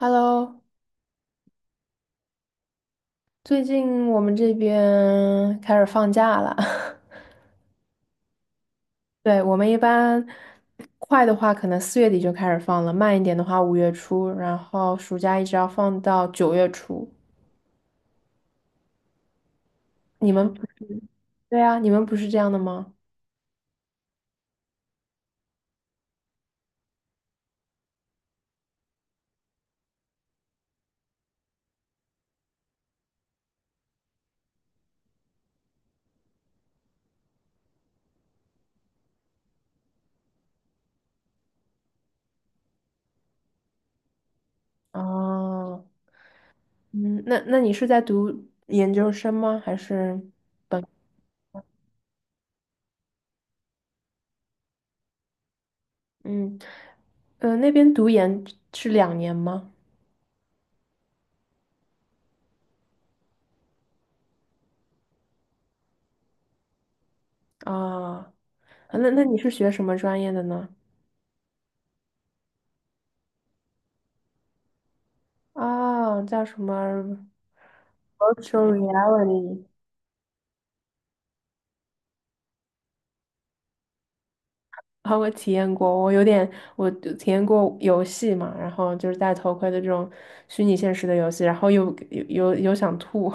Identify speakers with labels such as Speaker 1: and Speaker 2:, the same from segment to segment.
Speaker 1: Hello，最近我们这边开始放假了。对，我们一般快的话，可能4月底就开始放了；慢一点的话，5月初，然后暑假一直要放到9月初。你们不对啊，你们不是这样的吗？哦，嗯，那那你是在读研究生吗？还是嗯那边读研是2年吗？啊、那你是学什么专业的呢？哦，叫什么 virtual reality？啊，我体验过，我有点，我体验过游戏嘛，然后就是戴头盔的这种虚拟现实的游戏，然后又想吐，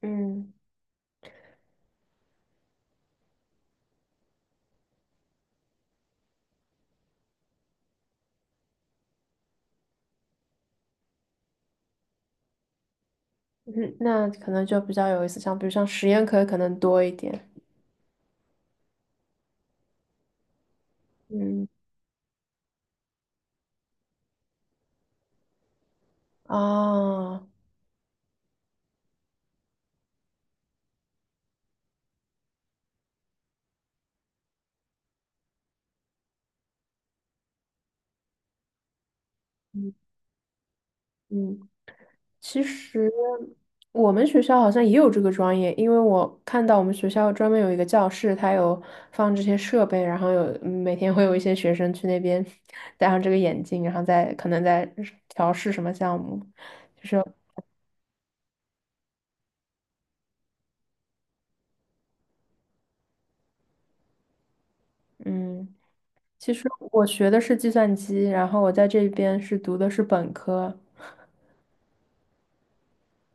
Speaker 1: 嗯，嗯那可能就比较有意思，像比如像实验课可能多一点，嗯，啊，嗯。其实我们学校好像也有这个专业，因为我看到我们学校专门有一个教室，它有放这些设备，然后有每天会有一些学生去那边戴上这个眼镜，然后再可能在调试什么项目，就是嗯，其实我学的是计算机，然后我在这边是读的是本科，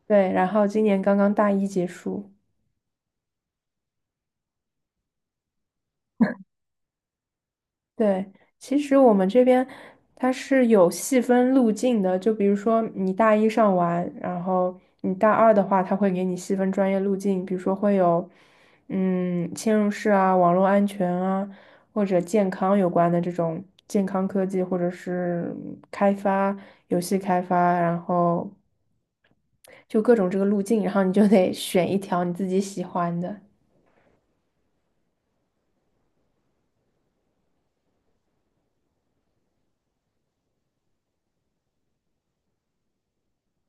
Speaker 1: 对，然后今年刚刚大一结束。对，其实我们这边它是有细分路径的，就比如说你大一上完，然后你大二的话，它会给你细分专业路径，比如说会有嵌入式啊、网络安全啊，或者健康有关的这种健康科技，或者是开发、游戏开发，然后就各种这个路径，然后你就得选一条你自己喜欢的。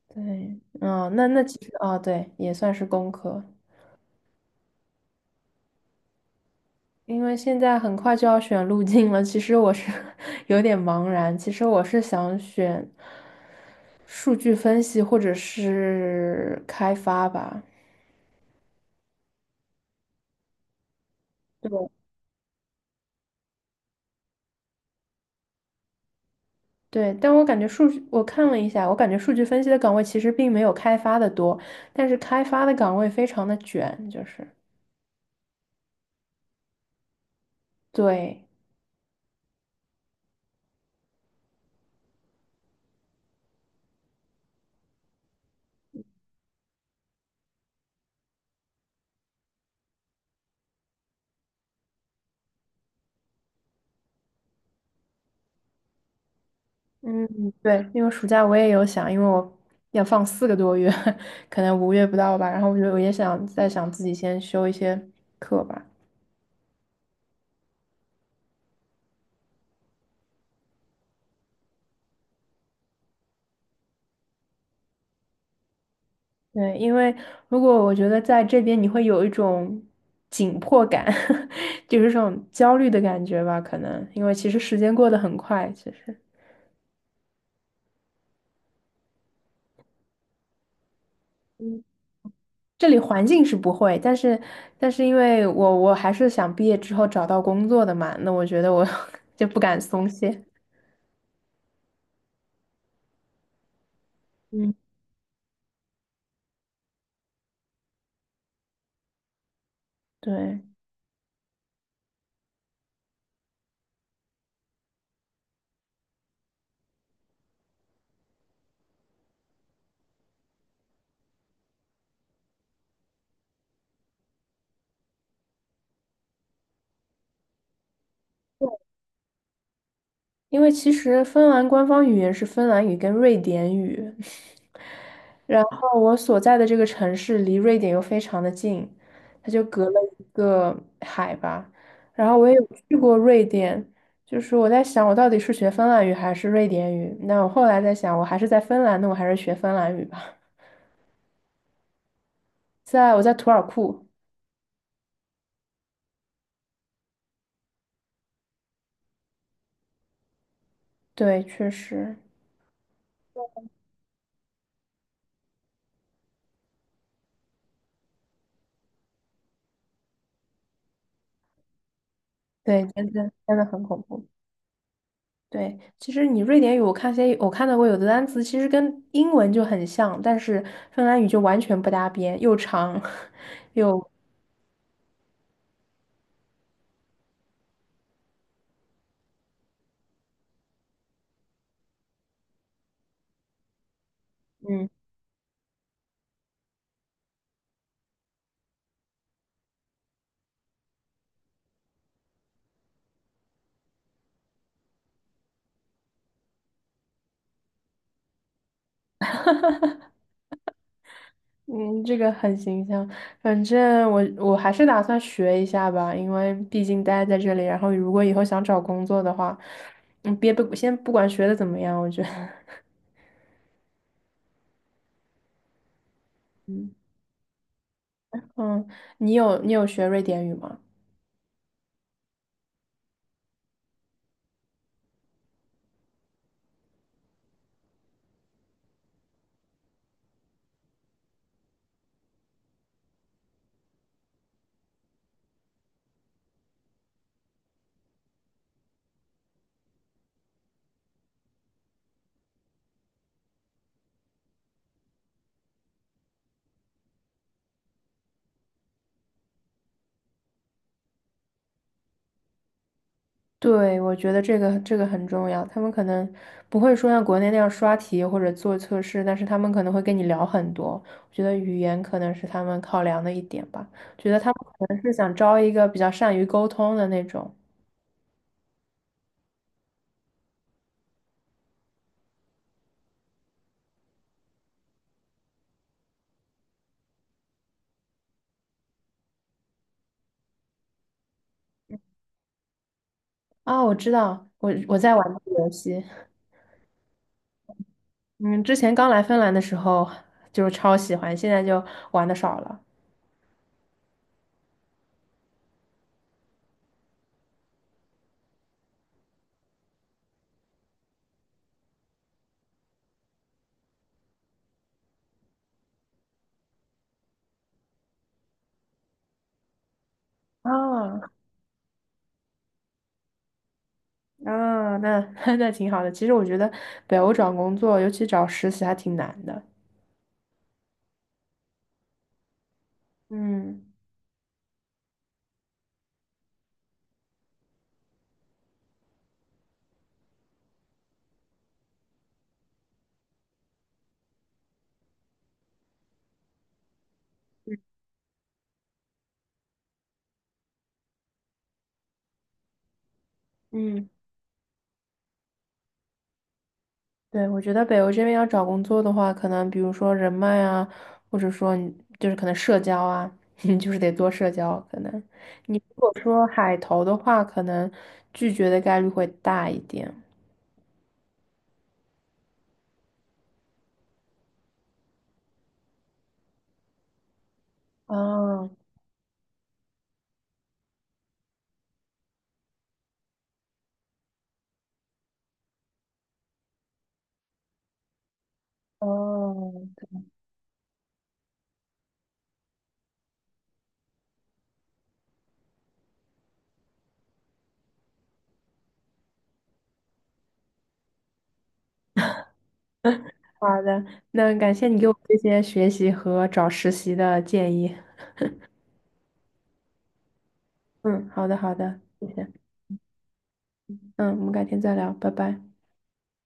Speaker 1: 对，嗯，那其实啊，对，也算是工科。因为现在很快就要选路径了，其实我是 有点茫然。其实我是想选数据分析或者是开发吧。对。对，但我感觉数据，我看了一下，我感觉数据分析的岗位其实并没有开发的多，但是开发的岗位非常的卷，就是对，嗯，对，因为暑假我也有想，因为我要放4个多月，可能五月不到吧，然后我也想再想自己先修一些课吧。对，因为如果我觉得在这边你会有一种紧迫感，就是这种焦虑的感觉吧，可能因为其实时间过得很快，其实。嗯，这里环境是不会，但是因为我还是想毕业之后找到工作的嘛，那我觉得我 就不敢松懈。嗯，对，因为其实芬兰官方语言是芬兰语跟瑞典语。然后我所在的这个城市离瑞典又非常的近，它就隔了一个海吧。然后我也有去过瑞典，就是我在想我到底是学芬兰语还是瑞典语？那我后来在想，我还是在芬兰，那我还是学芬兰语吧。我在图尔库，对，确实，对，真的真的很恐怖。对，其实你瑞典语，我看到过有的单词，其实跟英文就很像，但是芬兰语就完全不搭边，又长 又嗯。嗯，这个很形象。反正我还是打算学一下吧，因为毕竟待在这里，然后如果以后想找工作的话，嗯，别不先不管学的怎么样，我觉得，嗯嗯，你有学瑞典语吗？对，我觉得这个很重要。他们可能不会说像国内那样刷题或者做测试，但是他们可能会跟你聊很多。我觉得语言可能是他们考量的一点吧。觉得他们可能是想招一个比较善于沟通的那种。啊，我知道，我在玩这个游戏。嗯，之前刚来芬兰的时候就是超喜欢，现在就玩的少了。啊啊，那 那挺好的。其实我觉得北欧找工作，尤其找实习还挺难的。嗯嗯，对，我觉得北欧这边要找工作的话，可能比如说人脉啊，或者说你就是可能社交啊，你就是得多社交。可能你如果说海投的话，可能拒绝的概率会大一点。啊，哦，好的，那感谢你给我这些学习和找实习的建议。嗯，好的，好的，谢谢。嗯，我们改天再聊，拜拜。